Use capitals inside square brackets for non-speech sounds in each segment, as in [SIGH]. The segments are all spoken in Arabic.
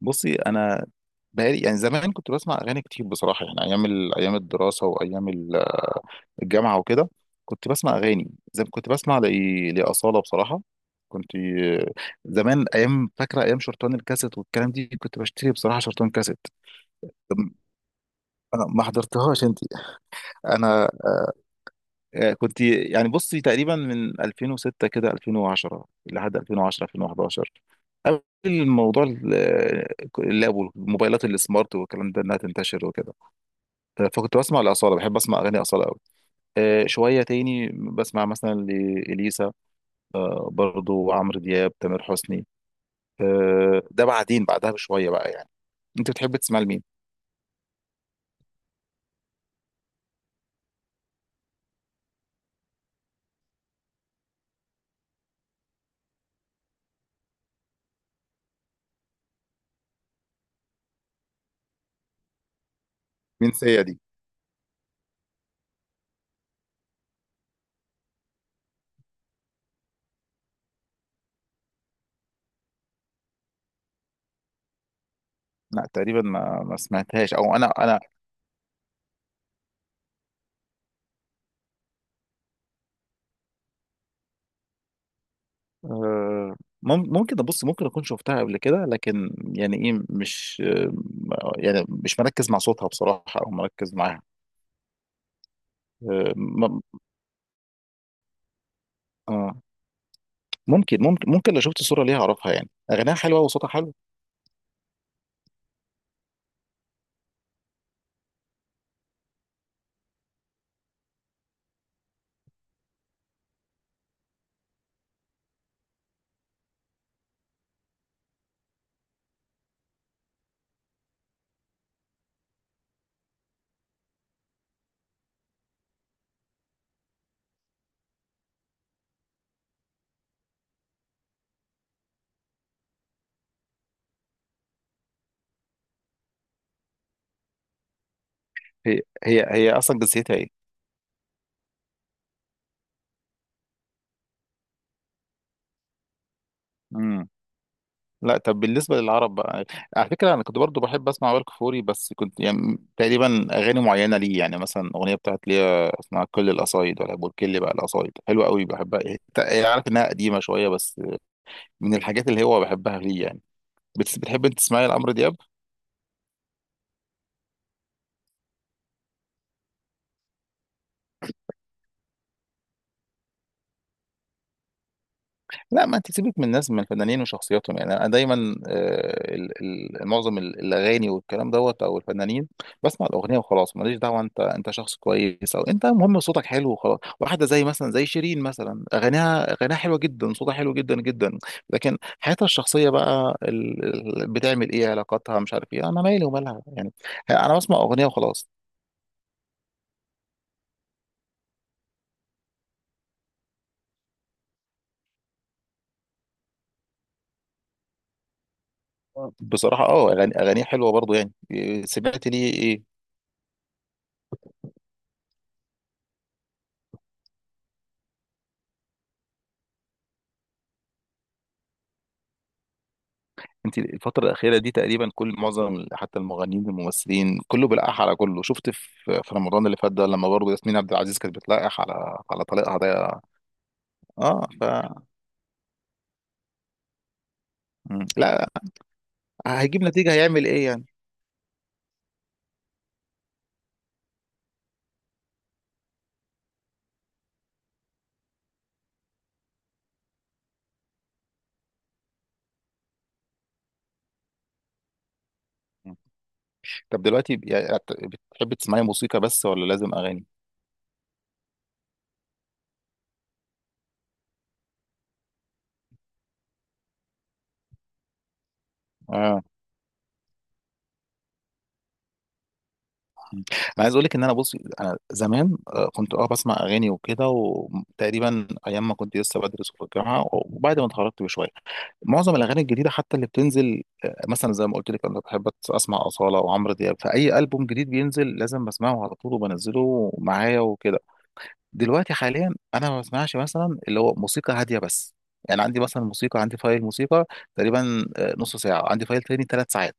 بصي، انا بقالي يعني زمان كنت بسمع اغاني كتير بصراحه. يعني ايام ايام الدراسه، وايام الجامعه وكده. كنت بسمع اغاني زي ما كنت بسمع لاصاله بصراحه. كنت زمان، ايام، فاكره ايام شرطان الكاسيت والكلام دي، كنت بشتري بصراحه شرطان كاسيت. أنا ما حضرتهاش، انت. انا، كنت يعني بصي تقريبا من 2006 كده 2010 لحد 2010 2011، قبل الموضوع اللاب والموبايلات السمارت والكلام ده انها تنتشر وكده. فكنت بسمع لأصالة، بحب أسمع أغاني أصالة أوي. شوية تاني بسمع مثلا لإليسا. برضو عمرو دياب، تامر حسني. ده بعدين بعدها بشوية بقى يعني. أنت بتحب تسمع لمين؟ مين سيا دي؟ لا تقريبا ما سمعتهاش، أو أنا آه، ممكن أبص. ممكن أكون شفتها قبل كده، لكن يعني إيه، مش يعني مش مركز مع صوتها بصراحة، أو مركز معاها. آه، م- آه، ممكن ممكن لو شفت صورة ليها أعرفها. يعني أغانيها حلوة وصوتها حلو. هي اصلا جنسيتها ايه؟ امم لا، طب بالنسبه للعرب بقى، على فكره انا كنت برضو بحب اسمع وائل كفوري، بس كنت يعني تقريبا اغاني معينه ليه. يعني مثلا اغنيه بتاعت ليه اسمها كل القصايد، ولا بركل بقى. القصايد حلوه قوي بحبها. هي عارف انها قديمه شويه، بس من الحاجات اللي هو بحبها ليه يعني. بتحب انت تسمعي لعمرو دياب؟ لا، ما انت سيبك من الناس، من الفنانين وشخصياتهم. يعني انا دايما معظم الاغاني والكلام دوت او الفنانين، بسمع الاغنيه وخلاص. ماليش دعوه انت انت شخص كويس او انت، المهم صوتك حلو وخلاص. واحده زي مثلا زي شيرين مثلا، اغانيها حلوه جدا، صوتها حلو جدا جدا. لكن حياتها الشخصيه بقى، بتعمل ايه، علاقاتها، مش عارف ايه. انا مالي ومالها يعني، انا بسمع اغنيه وخلاص. بصراحه اه، اغاني اغانيها حلوه برضو. يعني سمعت ليه ايه؟ انت الفترة الأخيرة دي تقريبا كل معظم حتى المغنيين والممثلين كله بيلقح على كله. شفت في في رمضان اللي فات ده، لما برضه ياسمين عبد العزيز كانت بتلقح على طليقها ده. اه، ف مم. لا، هيجيب نتيجة، هيعمل ايه يعني. مم. طب دلوقتي، يعني بتحب تسمعي موسيقى بس، ولا لازم أغاني؟ اه مم. انا عايز اقول لك ان انا، بص، انا زمان كنت اه بسمع اغاني وكده. وتقريبا ايام ما كنت لسه بدرس في الجامعه وبعد ما اتخرجت بشويه، معظم الاغاني الجديده حتى اللي بتنزل، مثلا زي ما قلت لك، انا بحب اسمع اصاله وعمرو دياب. فاي البوم جديد بينزل لازم بسمعه على طول وبنزله معايا وكده. دلوقتي حاليا انا ما بسمعش، مثلا اللي هو موسيقى هاديه بس. يعني عندي مثلا موسيقى، عندي فايل موسيقى تقريبا نص ساعه، عندي فايل تاني ثلاث ساعات،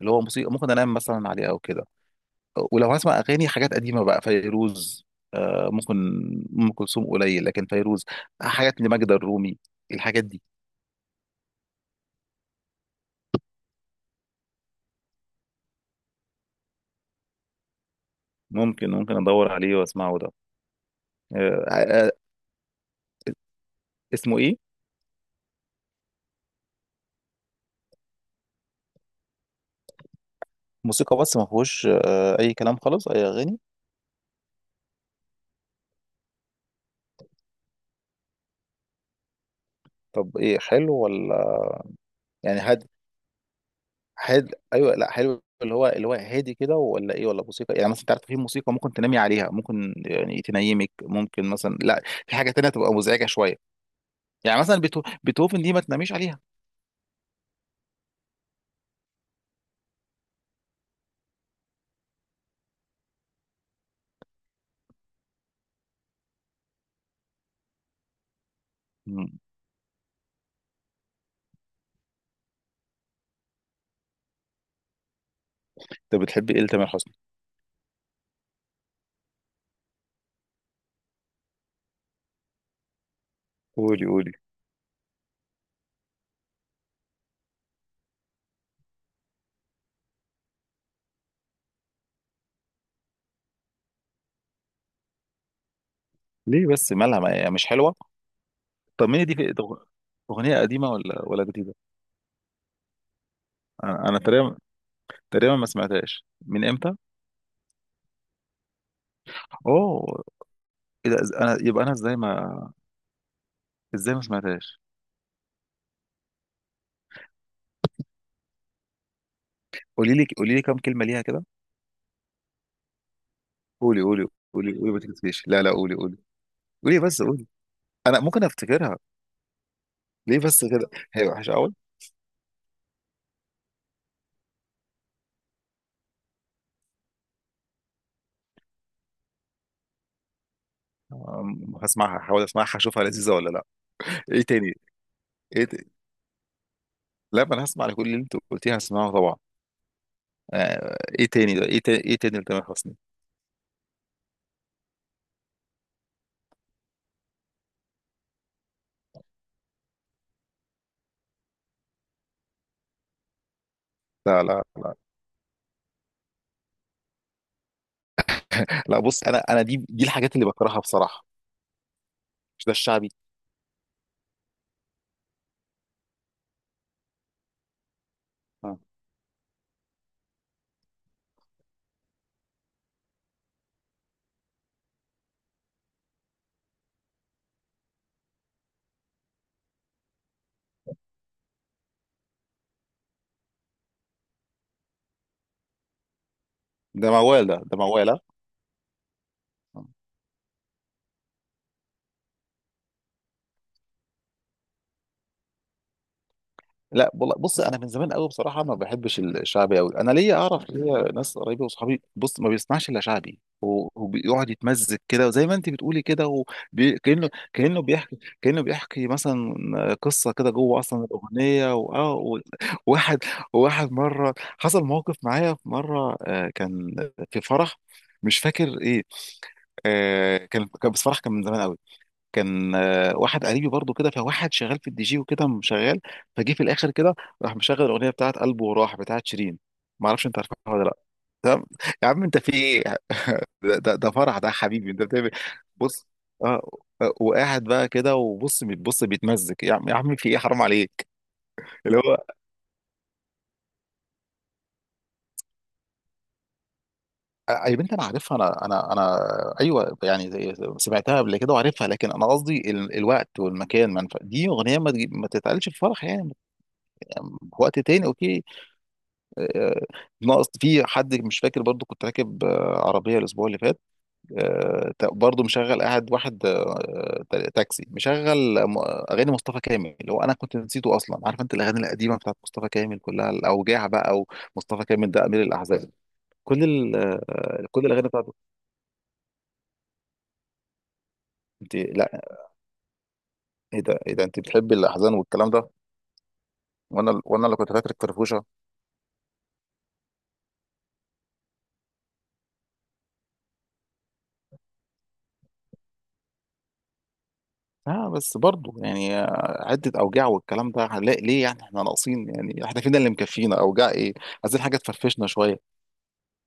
اللي هو موسيقى ممكن انام مثلا عليها او كده. ولو هسمع اغاني، حاجات قديمه بقى، فيروز ممكن. ام كلثوم قليل، لكن فيروز، حاجات لماجدة الرومي، الحاجات دي. ممكن ادور عليه واسمعه ده. آه، آه، آه، اسمه ايه؟ موسيقى بس ما فيهوش اي كلام خالص، اي اغاني. طب ايه، حلو ولا، يعني هاد، هاد ايوه. لا حلو. اللي هو اللي هو هادي كده، ولا ايه، ولا موسيقى، يعني مثلا انت عارف في موسيقى ممكن تنامي عليها، ممكن يعني تنيمك. ممكن مثلا لا، في حاجه تانية تبقى مزعجه شويه. يعني مثلا بيتهوفن دي ما تناميش عليها. مم. انت بتحبي ايه لتامر حسني؟ قولي قولي. ليه بس، مالها، ما هي مش حلوه؟ طب مين دي في... أغنية قديمة ولا ولا جديدة؟ أنا تقريبا، تقريبا ما سمعتهاش من امتى. اوه. اذا انا، يبقى انا ازاي ما، ازاي ما سمعتهاش؟ قولي لي قولي لي كم كلمه ليها كده. قولي قولي. قولي قولي ما تكتفيش. لا لا، قولي قولي. قولي بس قولي، انا ممكن افتكرها. ليه بس كده؟ هي وحشه قوي؟ أم، هسمعها، هحاول اسمعها، اشوفها لذيذه ولا لا. ايه تاني؟ ايه تاني؟ لا، ما انا هسمع لكل اللي انت قلتيه، هسمعه طبعا. ايه تاني ده، ايه تاني، ايه تاني لتامر حسني؟ لا لا لا لا. بص انا، دي الحاجات اللي بكرهها بصراحه. مش ده الشعبي؟ آه. ده موال، ده موال. آه. لا والله، بص انا من زمان قوي بصراحه ما بحبش الشعبي قوي. انا ليا، اعرف ليا ناس قريبه وصحابي بص ما بيسمعش الا شعبي. وبيقعد يتمزج كده، وزي ما انت بتقولي كده. كانه بيحكي، كانه بيحكي مثلا قصه كده جوه اصلا الاغنيه، واه، واحد، مره حصل موقف معايا. في مره كان في فرح، مش فاكر ايه. كان بس فرح، كان من زمان قوي. كان واحد قريبي برضو كده، فواحد شغال في الدي جي وكده شغال. فجه في الاخر كده، راح مشغل الاغنيه بتاعت قلبه، وراح بتاعت شيرين. ما اعرفش انت عارفها ولا لا. تمام. يا عم انت في ايه؟ [LAUGHS] ده فرح ده، يا حبيبي، انت بتعمل إيه؟ بص، اه. وقاعد بقى كده وبص بتبص بيتمزج. يا عم، يا عم في ايه، حرام عليك. اللي هو يا بنت انا عارفها، انا. ايوه، يعني سمعتها قبل كده وعارفها. لكن انا قصدي الوقت والمكان ما دي اغنيه ما ما تتقالش في فرح يعني. في وقت تاني، اوكي. آه، ناقص. في حد مش فاكر. برضو كنت راكب عربية الأسبوع اللي فات. برضو مشغل قاعد واحد تاكسي مشغل أغاني مصطفى كامل، اللي هو أنا كنت نسيته أصلا. عارف أنت الأغاني القديمة بتاعت مصطفى كامل كلها الأوجاع بقى، ومصطفى كامل ده أمير الأحزان. كل كل الأغاني بتاعته. أنت لا. إيه ده، إيه ده، أنت بتحبي الأحزان والكلام ده؟ وأنا اللي كنت فاكرك فرفوشة. اه بس برضه يعني عدة أوجاع والكلام ده، هنلاقي ليه يعني، احنا ناقصين؟ يعني احنا فينا اللي مكفينا، أوجاع ايه؟ عايزين حاجة تفرفشنا شوية.